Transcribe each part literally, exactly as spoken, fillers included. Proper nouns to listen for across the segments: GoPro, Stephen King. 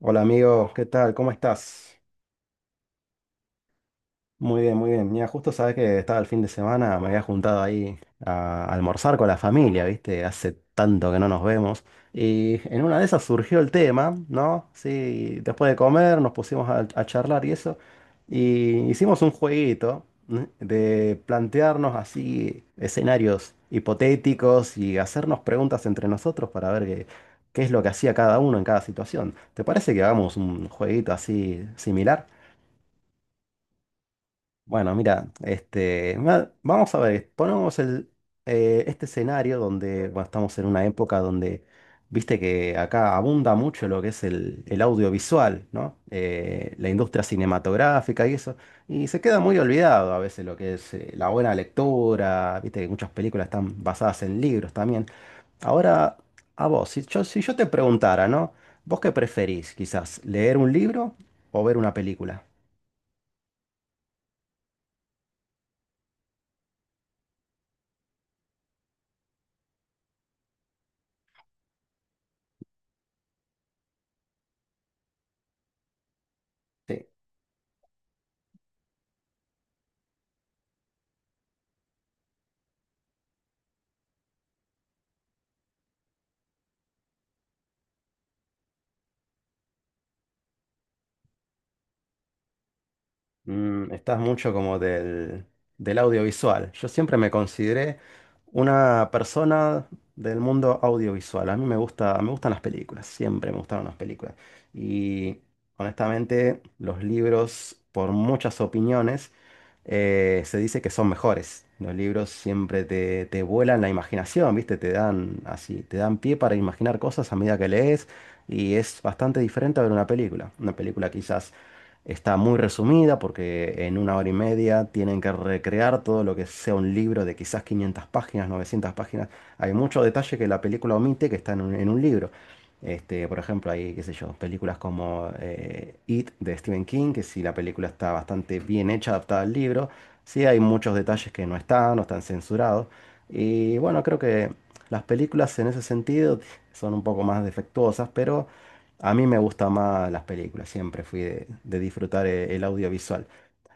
Hola amigo, ¿qué tal? ¿Cómo estás? Muy bien, muy bien. Mira, justo sabes que estaba el fin de semana, me había juntado ahí a almorzar con la familia, ¿viste? Hace tanto que no nos vemos. Y en una de esas surgió el tema, ¿no? Sí, después de comer nos pusimos a, a charlar y eso. Y hicimos un jueguito, ¿no? De plantearnos así escenarios hipotéticos y hacernos preguntas entre nosotros para ver qué, qué es lo que hacía cada uno en cada situación. ¿Te parece que hagamos un jueguito así similar? Bueno, mira, este, ma- vamos a ver, ponemos el, eh, este escenario donde bueno, estamos en una época donde, viste que acá abunda mucho lo que es el, el audiovisual, ¿no? Eh, la industria cinematográfica y eso, y se queda muy olvidado a veces lo que es eh, la buena lectura, viste que muchas películas están basadas en libros también. Ahora, a vos, si yo, si yo te preguntara, ¿no? ¿Vos qué preferís, quizás, leer un libro o ver una película? Sí. Mm, estás mucho como del, del audiovisual. Yo siempre me consideré una persona del mundo audiovisual. A mí me gusta, me gustan las películas, siempre me gustaron las películas. Y honestamente, los libros, por muchas opiniones, eh, se dice que son mejores. Los libros siempre te, te vuelan la imaginación, ¿viste? Te dan así, te dan pie para imaginar cosas a medida que lees. Y es bastante diferente a ver una película. Una película quizás está muy resumida porque en una hora y media tienen que recrear todo lo que sea un libro de quizás quinientas páginas, novecientas páginas. Hay mucho detalle que la película omite que está en un, en un libro. Este, por ejemplo, hay, qué sé yo, películas como eh, It de Stephen King, que si la película está bastante bien hecha, adaptada al libro, sí hay muchos detalles que no están, no están censurados. Y bueno, creo que las películas en ese sentido son un poco más defectuosas, pero... A mí me gustan más las películas, siempre fui de, de disfrutar eh, el audiovisual.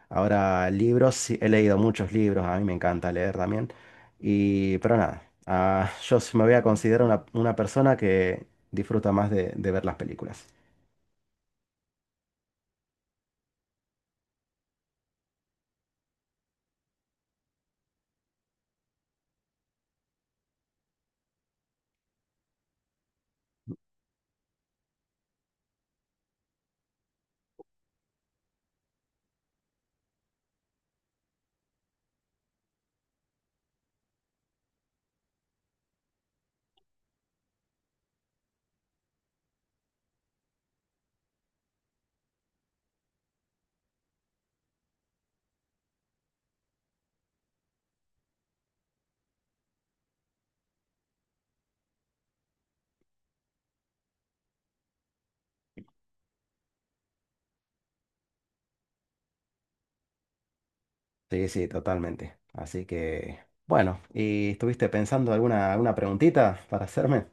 Ahora, libros, sí, he leído muchos libros, a mí me encanta leer también. Y, pero nada, ah, yo sí me voy a considerar una, una persona que disfruta más de, de ver las películas. Sí, sí, totalmente. Así que, bueno, ¿y estuviste pensando alguna, alguna preguntita para hacerme?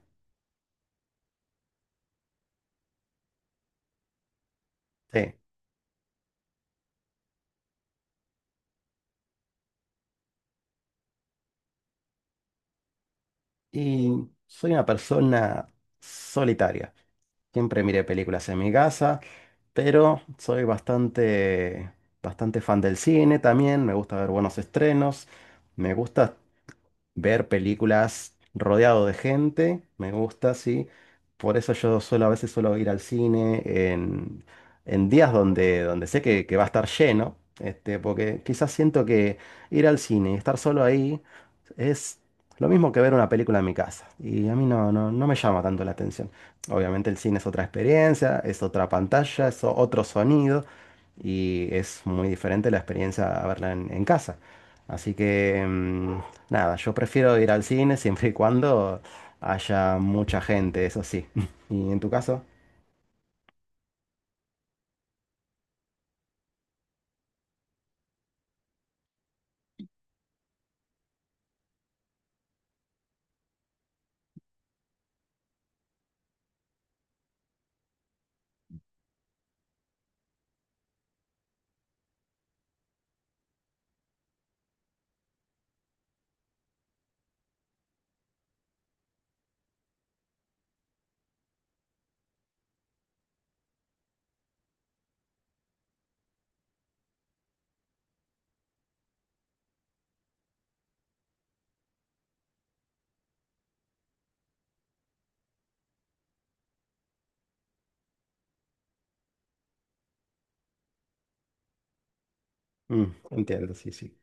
Sí. Y soy una persona solitaria. Siempre miré películas en mi casa, pero soy bastante, bastante fan del cine también, me gusta ver buenos estrenos, me gusta ver películas rodeado de gente, me gusta, sí. Por eso yo suelo, a veces suelo ir al cine en, en días donde, donde sé que, que va a estar lleno, este, porque quizás siento que ir al cine y estar solo ahí es lo mismo que ver una película en mi casa. Y a mí no, no, no me llama tanto la atención. Obviamente el cine es otra experiencia, es otra pantalla, es o- otro sonido y es muy diferente la experiencia a verla en en casa. Así que, mm, nada, yo prefiero ir al cine siempre y cuando haya mucha gente, eso sí. ¿Y en tu caso? Mm, entiendo, sí, sí.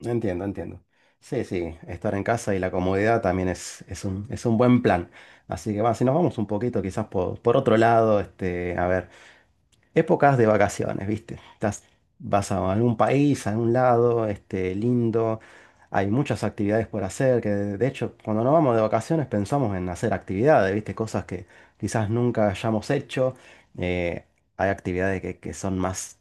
Entiendo, entiendo. Sí, sí, estar en casa y la comodidad también es, es un, es un buen plan. Así que, va, si nos vamos un poquito quizás por, por otro lado, este, a ver. Épocas de vacaciones, ¿viste? Estás, vas a algún país, a algún lado, este, lindo. Hay muchas actividades por hacer, que de de hecho, cuando nos vamos de vacaciones pensamos en hacer actividades, ¿viste? Cosas que quizás nunca hayamos hecho. Eh, Hay actividades que, que son más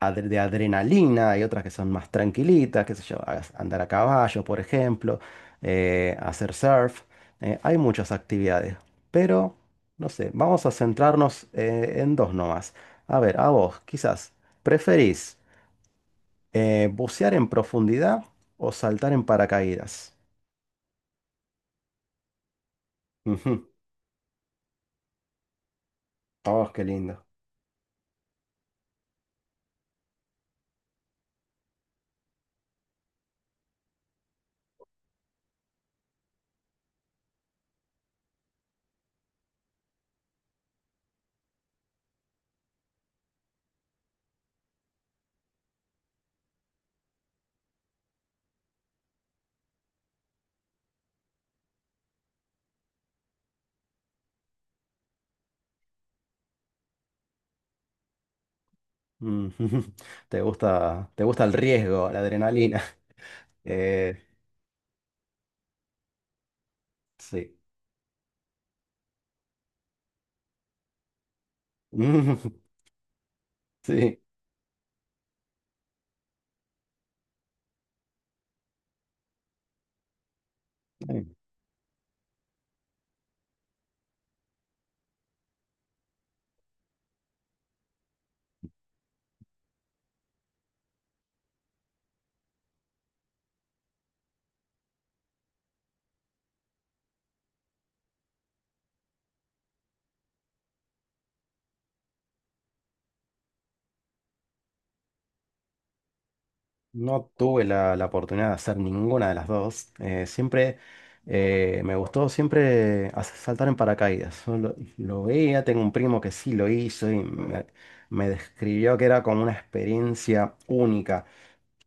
adre- de adrenalina, hay otras que son más tranquilitas, qué sé yo, a- andar a caballo, por ejemplo, eh, hacer surf. Eh, hay muchas actividades, pero no sé, vamos a centrarnos eh, en dos nomás. A ver, a vos, quizás, ¿preferís eh, bucear en profundidad o saltar en paracaídas? Ujú. Oh, qué lindo. Ujú. Te gusta, te gusta el riesgo, la adrenalina. Eh, sí. Ujú. Sí. No tuve la, la oportunidad de hacer ninguna de las dos. Eh, siempre eh, me gustó siempre hacer- saltar en paracaídas. Solo lo lo veía, tengo un primo que sí lo hizo y me, me describió que era como una experiencia única.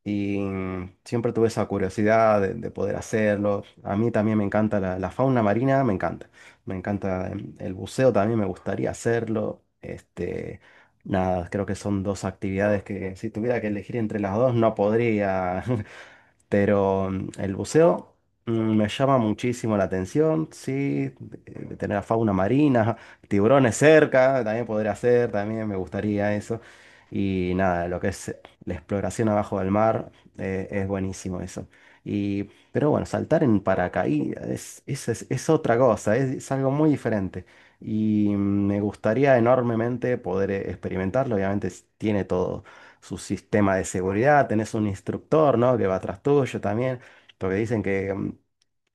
Y mm, siempre tuve esa curiosidad de, de poder hacerlo. A mí también me encanta la, la fauna marina, me encanta. Me encanta em, el buceo, también me gustaría hacerlo. Este, nada, creo que son dos actividades que si tuviera que elegir entre las dos no podría. Pero mm, el buceo mm, me llama muchísimo la atención, sí, de de tener a fauna marina, tiburones cerca, también podría hacer, también me gustaría eso. Y nada, lo que es la exploración abajo del mar, eh, es buenísimo eso. Y, pero bueno, saltar en paracaídas es, es, es- es otra cosa, es, es algo muy diferente. Y mm, me gustaría enormemente poder eh, experimentarlo, obviamente s- tiene todo su sistema de seguridad, tenés un instructor, ¿no? Que va atrás tuyo también, porque dicen que mm,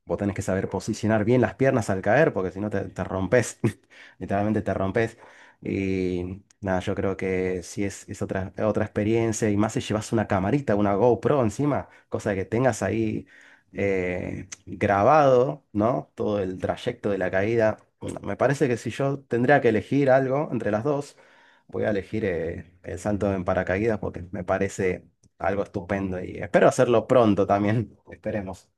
vos tenés que saber posicionar bien las piernas al caer, porque si no te, te rompes, literalmente te rompes. Y nada, yo creo que sí es, es otra, otra experiencia, y más si llevas una camarita, una GoPro encima, cosa que tengas ahí eh, grabado, ¿no? Todo el trayecto de la caída. Bueno, me parece que si yo tendría que elegir algo entre las dos, voy a elegir eh, el salto en paracaídas porque me parece algo estupendo y espero hacerlo pronto también, esperemos.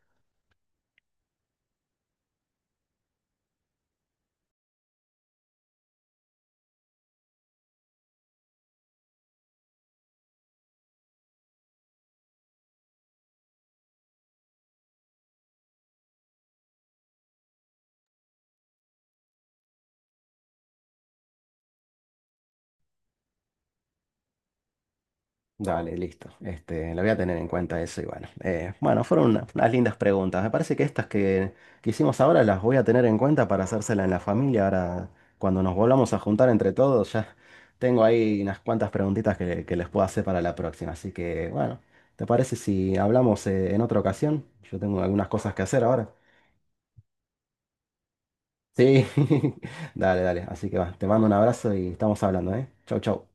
Dale, listo. Este, lo voy a tener en cuenta eso y bueno. Eh, bueno, fueron una- unas lindas preguntas. Me parece que estas que, que hicimos ahora las voy a tener en cuenta para hacérsela en la familia. Ahora, cuando nos volvamos a juntar entre todos, ya tengo ahí unas cuantas preguntitas que, que les puedo hacer para la próxima. Así que, bueno, ¿te parece si hablamos eh, en otra ocasión? Yo tengo algunas cosas que hacer ahora. Sí, dale, dale. Así que va, te mando un abrazo y estamos hablando, ¿eh? Chau, chau.